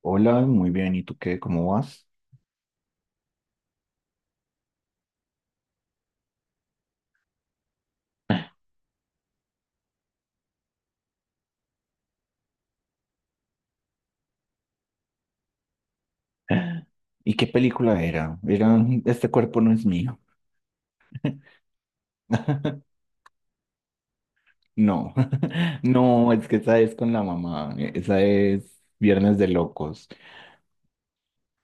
Hola, muy bien. ¿Y tú qué? ¿Cómo vas? ¿Y qué película era? Era "Este cuerpo no es mío". No, no, es que esa es con la mamá. Esa es Viernes de Locos.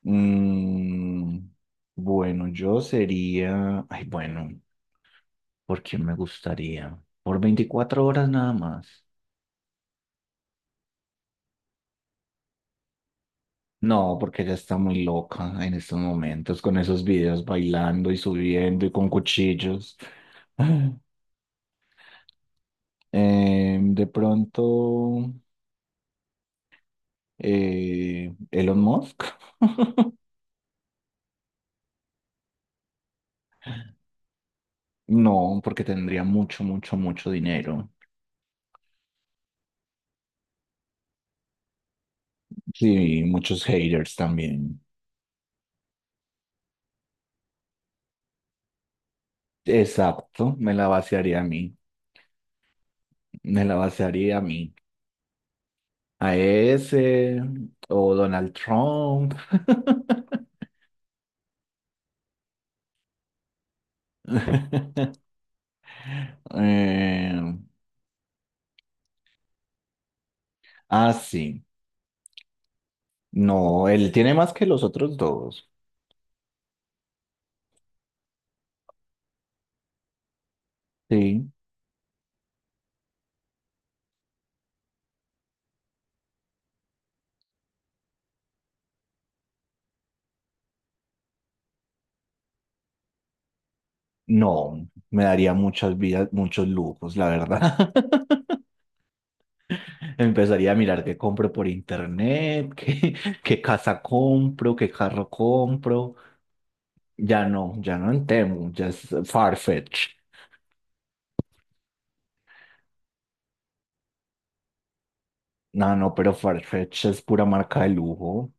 Mm, bueno, yo sería. Ay, bueno, ¿por quién me gustaría? Por 24 horas nada más. No, porque ella está muy loca en estos momentos con esos videos bailando y subiendo y con cuchillos. De pronto. Elon Musk. no, porque tendría mucho, mucho, mucho dinero. Sí, muchos haters también. Exacto, me la vaciaría a mí, me la vaciaría a mí. A ese, o Donald Trump. Eh, sí, no, él tiene más que los otros dos. Sí, no, me daría muchas vidas, muchos lujos, la verdad. Empezaría a mirar qué compro por internet, qué, qué casa compro, qué carro compro. Ya no, ya no en Temu, ya es Farfetch. No, no, pero Farfetch es pura marca de lujo.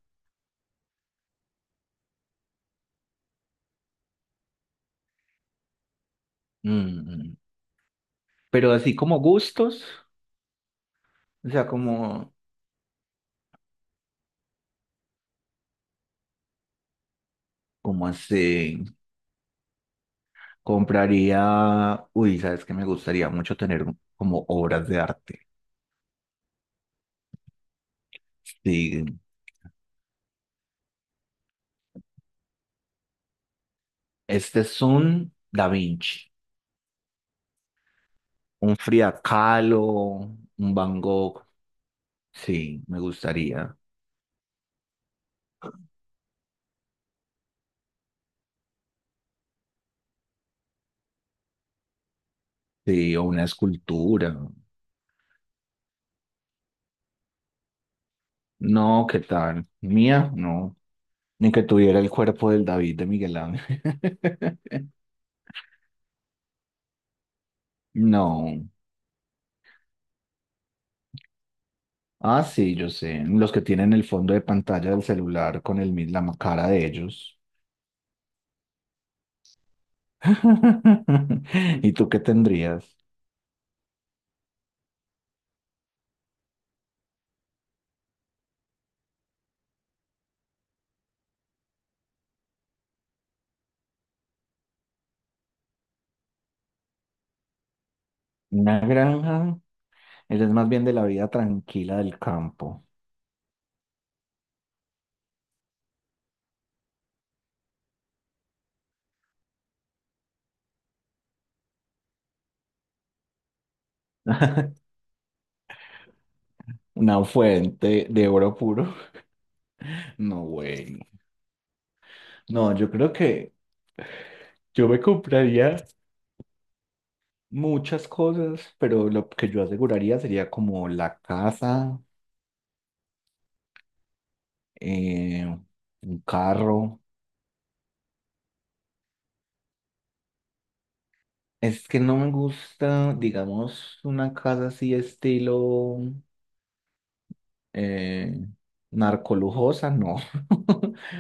Mm. Pero así como gustos, o sea, como, como así, compraría, uy, sabes que me gustaría mucho tener como obras de arte. Sí, este es un Da Vinci, un Frida Kahlo, un Van Gogh. Sí, me gustaría. Sí, o una escultura. No, ¿qué tal? Mía, no. Ni que tuviera el cuerpo del David de Miguel Ángel. No. Ah, sí, yo sé. Los que tienen el fondo de pantalla del celular con el, la cara de ellos. ¿Y tú qué tendrías? Una granja. Eres más bien de la vida tranquila del campo. Una fuente de oro puro. No, güey. No, yo creo que yo me compraría muchas cosas, pero lo que yo aseguraría sería como la casa, eh, un carro. Es que no me gusta, digamos, una casa así estilo eh, narcolujosa, no.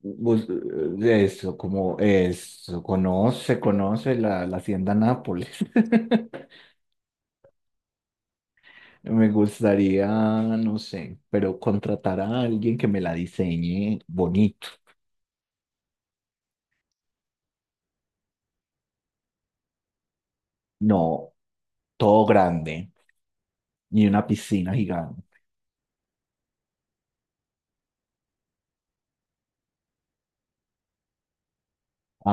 Bus- Eso, como eso, conoce la, la hacienda Nápoles. Me gustaría, no sé, pero contratar a alguien que me la diseñe bonito. No, todo grande y una piscina gigante.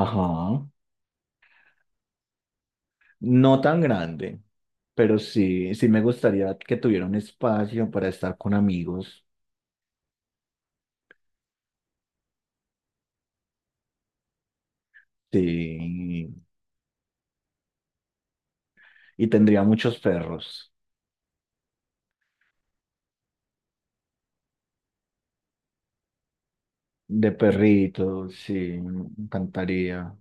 Ajá. No tan grande, pero sí, sí me gustaría que tuviera un espacio para estar con amigos. Sí. Y tendría muchos perros. De perritos, sí, me encantaría.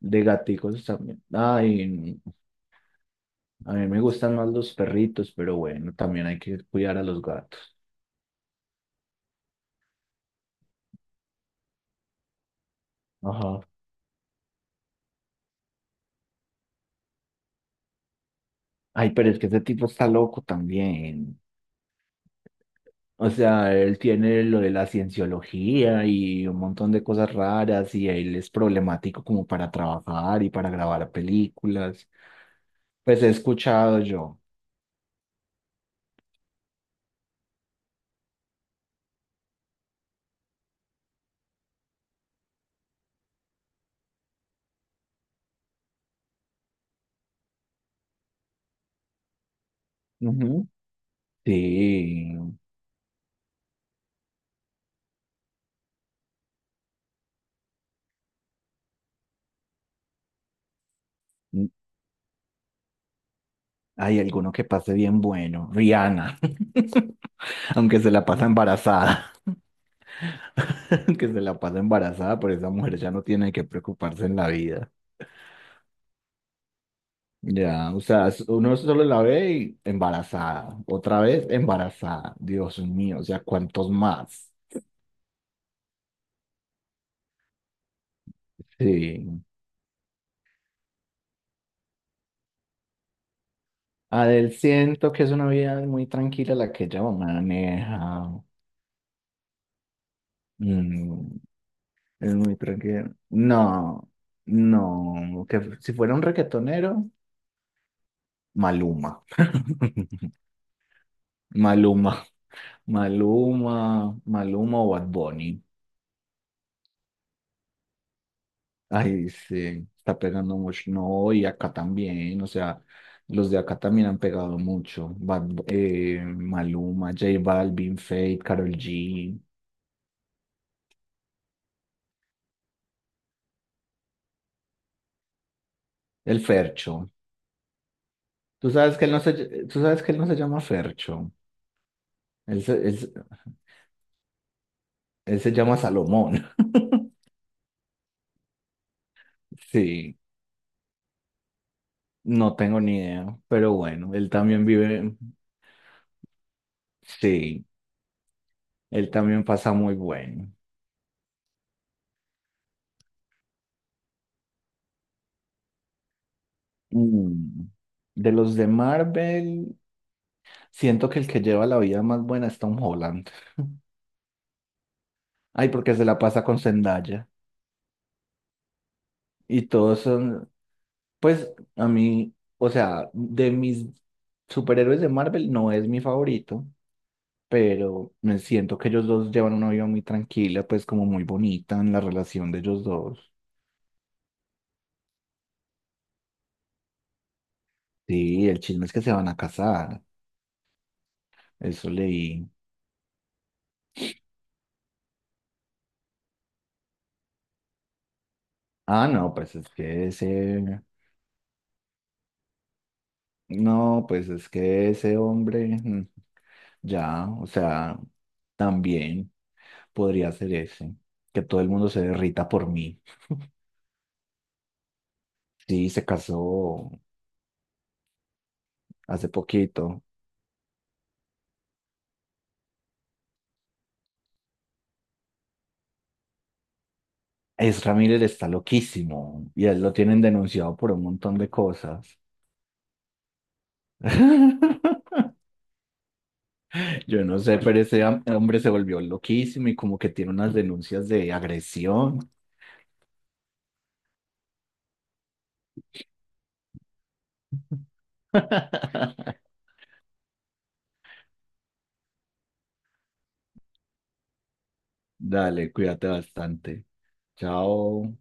De gaticos también. Ay, a mí me gustan más los perritos, pero bueno, también hay que cuidar a los gatos. Ajá. Ay, pero es que ese tipo está loco también. O sea, él tiene lo de la cienciología y un montón de cosas raras y él es problemático como para trabajar y para grabar películas. Pues he escuchado yo. Ujú. Sí. mm, Hay alguno que pase bien bueno. Rihanna, aunque se la pasa embarazada. Que se la pasa embarazada, pero esa mujer ya no tiene que preocuparse en la vida. Ya, o sea, uno solo la ve y embarazada, otra vez embarazada, Dios mío, o sea, ¿cuántos más? Sí. Adel, siento que es una vida muy tranquila la que ella maneja. Mm, es muy tranquila. No, no, que si fuera un reggaetonero, Maluma. Maluma, Maluma, Maluma o Bad Bunny. Ay, sí, está pegando mucho. No, y acá también, o sea, los de acá también han pegado mucho. Maluma, J Balvin, Fate, Karol G, el Fercho. Tú sabes que él no tú sabes que él no se llama Fercho. Él se, él se- Él se llama Salomón. Sí, no tengo ni idea, pero bueno, él también vive, sí, él también pasa muy bueno. Mm, De los de Marvel. Siento que el que lleva la vida más buena es Tom Holland. Ay, porque se la pasa con Zendaya. Y todos son, pues a mí, o sea, de mis superhéroes de Marvel no es mi favorito, pero me siento que ellos dos llevan una vida muy tranquila, pues como muy bonita en la relación de ellos dos. Sí, el chisme es que se van a casar, eso leí. Ah, no, pues es que ese, no, pues es que ese hombre, ya, o sea, también. Podría hacer ese, que todo el mundo se derrita por mí. Sí, se casó hace poquito. Es Ramírez está loquísimo y a él lo tienen denunciado por un montón de cosas. Yo no sé, pero ese hombre se volvió loquísimo y como que tiene unas denuncias de agresión. Dale, cuídate bastante. Chao.